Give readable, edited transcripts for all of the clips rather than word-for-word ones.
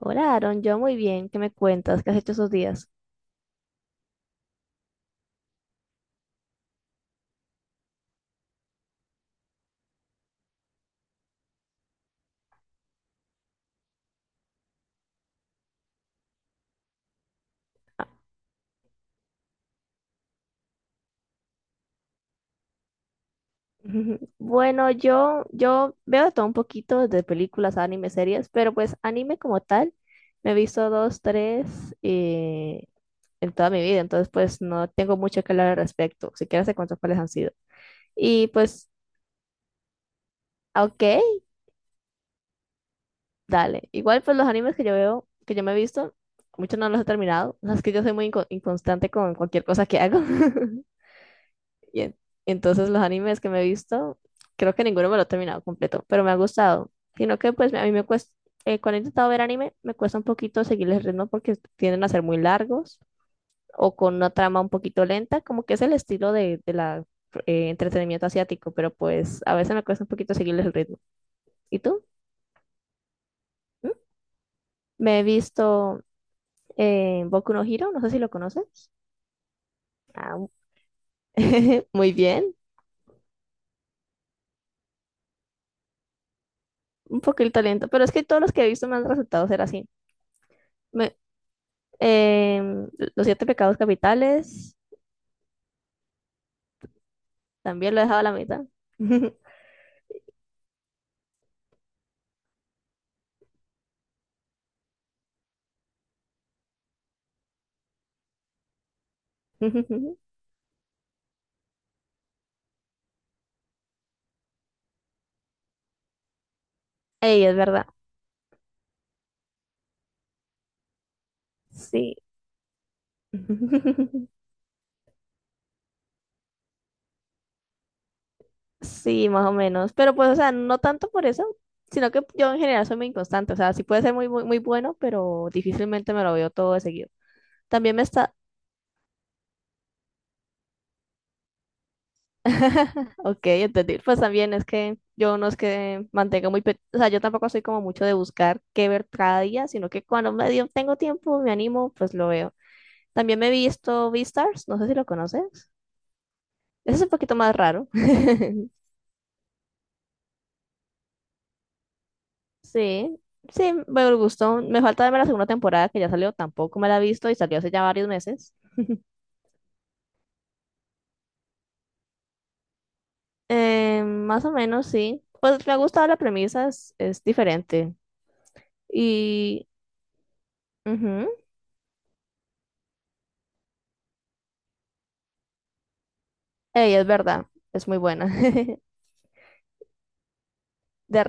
Hola, Aaron, yo muy bien. ¿Qué me cuentas? ¿Qué has hecho esos días? Bueno, yo veo de todo un poquito de películas, anime, series, pero pues anime como tal, me he visto dos, tres en toda mi vida, entonces pues no tengo mucho que hablar al respecto. Si quieres te cuento cuáles han sido. Y pues, ah, ok, dale. Igual pues los animes que yo veo, que yo me he visto, muchos no los he terminado. Las que yo soy muy inconstante con cualquier cosa que hago. Y en- entonces los animes que me he visto, creo que ninguno me lo he terminado completo, pero me ha gustado. Sino que pues a mí me cuesta, cuando he intentado ver anime, me cuesta un poquito seguirles el ritmo porque tienden a ser muy largos o con una trama un poquito lenta, como que es el estilo de la entretenimiento asiático, pero pues a veces me cuesta un poquito seguirles el ritmo. ¿Y tú? ¿Mm? Me he visto Boku no Hero, no sé si lo conoces. Ah, muy bien, un poquito lento, pero es que todos los que he visto me han resultado ser así. Me- Em, los siete pecados capitales, también lo he dejado a la mitad. Ey, es verdad. Sí. Sí, más o menos. Pero pues, o sea, no tanto por eso, sino que yo en general soy muy inconstante. O sea, sí puede ser muy, muy, muy bueno, pero difícilmente me lo veo todo de seguido. También me está... Ok, entendí. Pues también es que yo no es que mantenga muy... O sea, yo tampoco soy como mucho de buscar qué ver cada día, sino que cuando medio tengo tiempo, me animo, pues lo veo. También me he visto Beastars, no sé si lo conoces. Ese es un poquito más raro. Sí, sí, me gustó. Me falta verme la segunda temporada que ya salió, tampoco me la he visto y salió hace ya varios meses. Más o menos, sí. Pues me ha gustado la premisa, es diferente. Y ujú, ey, es verdad, es muy buena. De,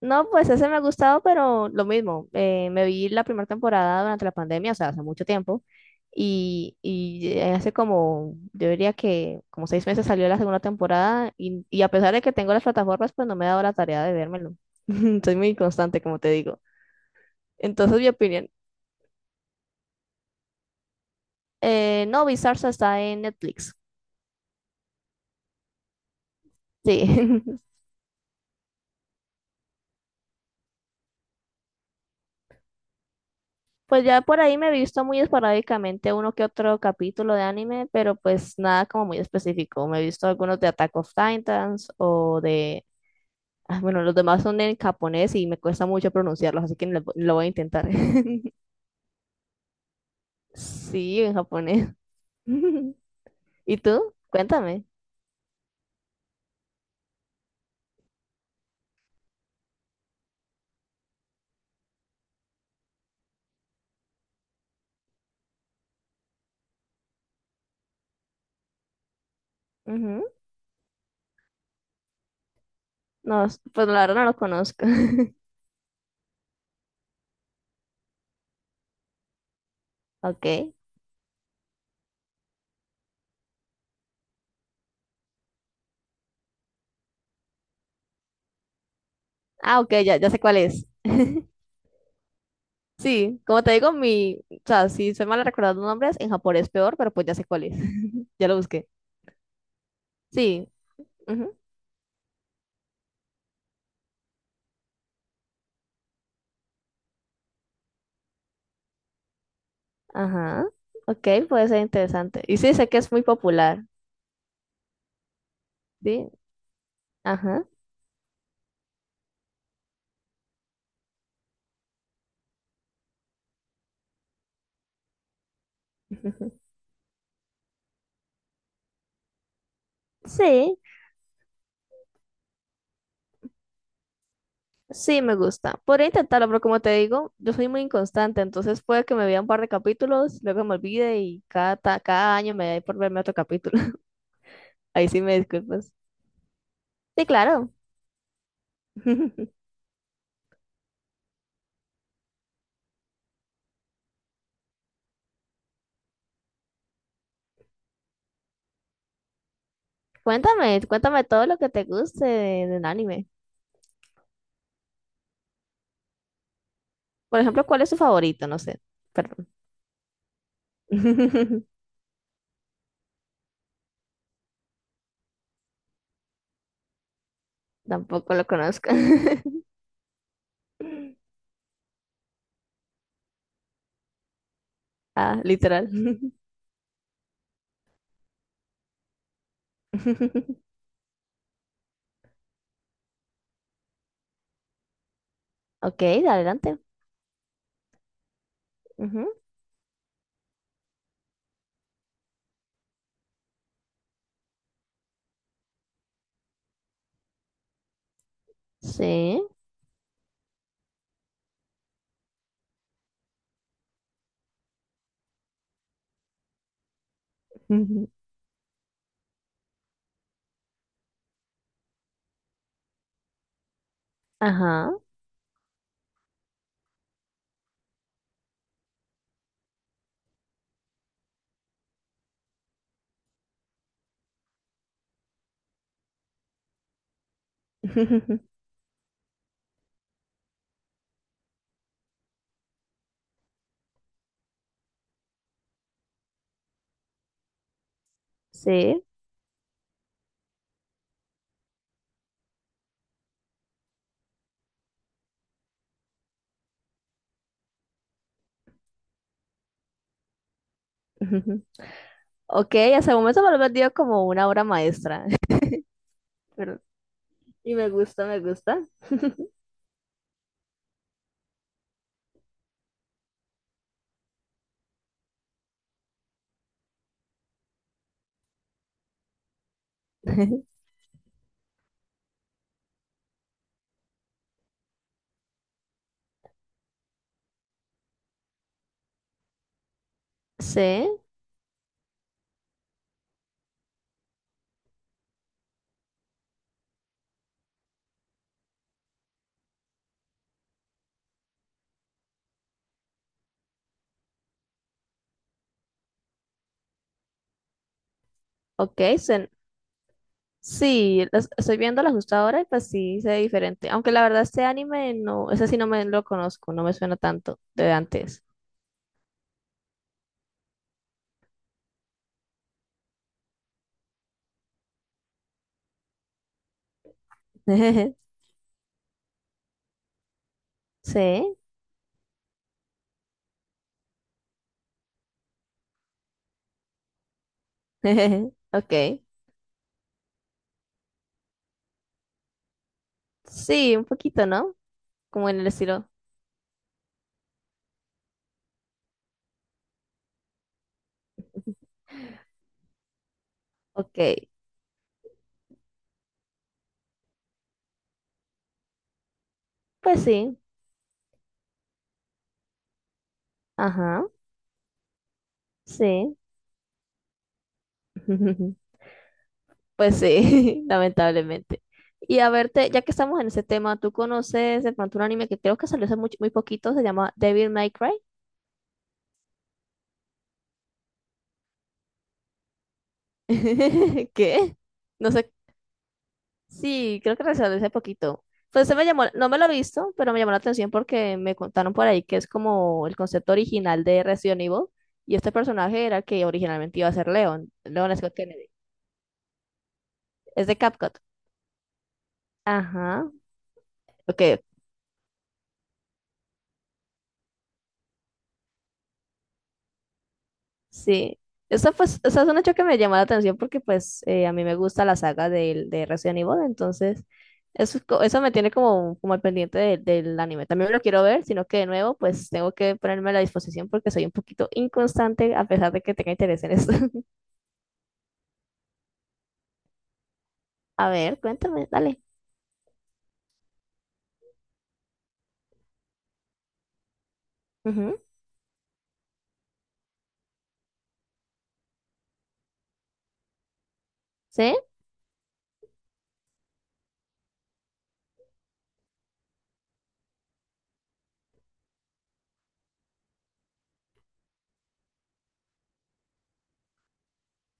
no, pues ese me ha gustado, pero lo mismo. Me vi la primera temporada durante la pandemia, o sea, hace mucho tiempo. Hace como, yo diría que como 6 meses salió la segunda temporada. Y a pesar de que tengo las plataformas, pues no me he dado la tarea de vérmelo. Soy muy inconstante, como te digo. Entonces, mi opinión. No, Bizarre está en Netflix. Sí. Pues ya por ahí me he visto muy esporádicamente uno que otro capítulo de anime, pero pues nada como muy específico. Me he visto algunos de Attack of Titans o de... ah, bueno, los demás son en japonés y me cuesta mucho pronunciarlos, así que lo voy a intentar. Sí, en japonés. ¿Y tú? Cuéntame. Ujú. No, pues la verdad no lo conozco. Ok. Ah, ok, ya sé cuál es. Sí, como te digo, mi... O sea, si soy mala recordando nombres, en japonés peor, pero pues ya sé cuál es. Ya lo busqué. Sí, ujú, ajá. Ok, puede ser interesante. Y sí, sé que es muy popular. Sí, ajá. Sí, sí, me gusta. Podría intentarlo, pero como te digo, yo soy muy inconstante, entonces puede que me vea un par de capítulos, luego me olvide y cada año me da por verme otro capítulo. Ahí sí me disculpas. Sí, claro. Cuéntame, cuéntame todo lo que te guste del anime. Por ejemplo, ¿cuál es tu favorito? No sé. Perdón. Tampoco lo conozco. Ah, literal. Ok, dale, adelante. Ujú. Sí. Ujú. Ajá. Sí. Ujú. Ok, hasta el momento me lo he vendido como una obra maestra. Pero- y me gusta, me gusta. Sí. Ok, sí, estoy viéndola justo ahora y pues sí, se ve diferente. Aunque la verdad este anime no, ese sí no me lo conozco, no me suena tanto de antes. Sí. Ok. Sí, un poquito, ¿no? Como en el estilo. Ok, pues sí. Ajá. Sí, pues sí, lamentablemente. Y a verte, ya que estamos en ese tema, ¿tú conoces de pronto un anime que creo que salió hace muy, muy poquito? Se llama Devil May Cry. ¿Qué? No sé. Sí, creo que salió hace poquito. Pues se me llamó, no me lo he visto, pero me llamó la atención porque me contaron por ahí que es como el concepto original de Resident Evil. Y este personaje era el que originalmente iba a ser Leon. Leon Scott Kennedy. Es de Capcom. Ajá. Ok, sí, esa, pues, esa es un hecho que me llamó la atención porque pues a mí me gusta la saga del de Resident Evil, entonces eso, eso me tiene como, como al pendiente del anime. También lo quiero ver, sino que de nuevo pues tengo que ponerme a la disposición porque soy un poquito inconstante a pesar de que tenga interés en eso. A ver, cuéntame, dale. Ujú, ¿sí?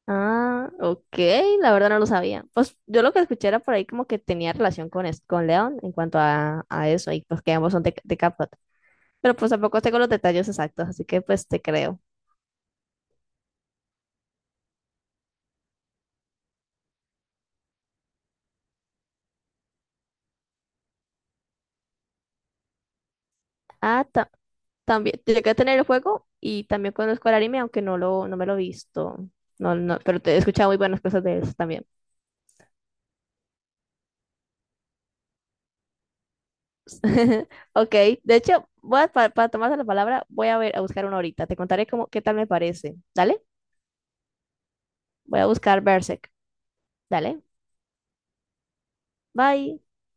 Ah, ok, la verdad no lo sabía. Pues yo lo que escuché era por ahí como que tenía relación con, con León en cuanto a eso y pues que ambos son de Capcom. Pero pues tampoco tengo los detalles exactos, así que pues te creo. Ah, también, llegué a tener el juego y también conozco el anime, aunque no no me lo he visto. No, pero te he escuchado muy buenas cosas de eso también. Ok, de hecho, voy a, para, tomarse la palabra, voy a ver, a buscar una ahorita. Te contaré cómo, qué tal me parece. Dale, voy a buscar Berserk. Dale, bye.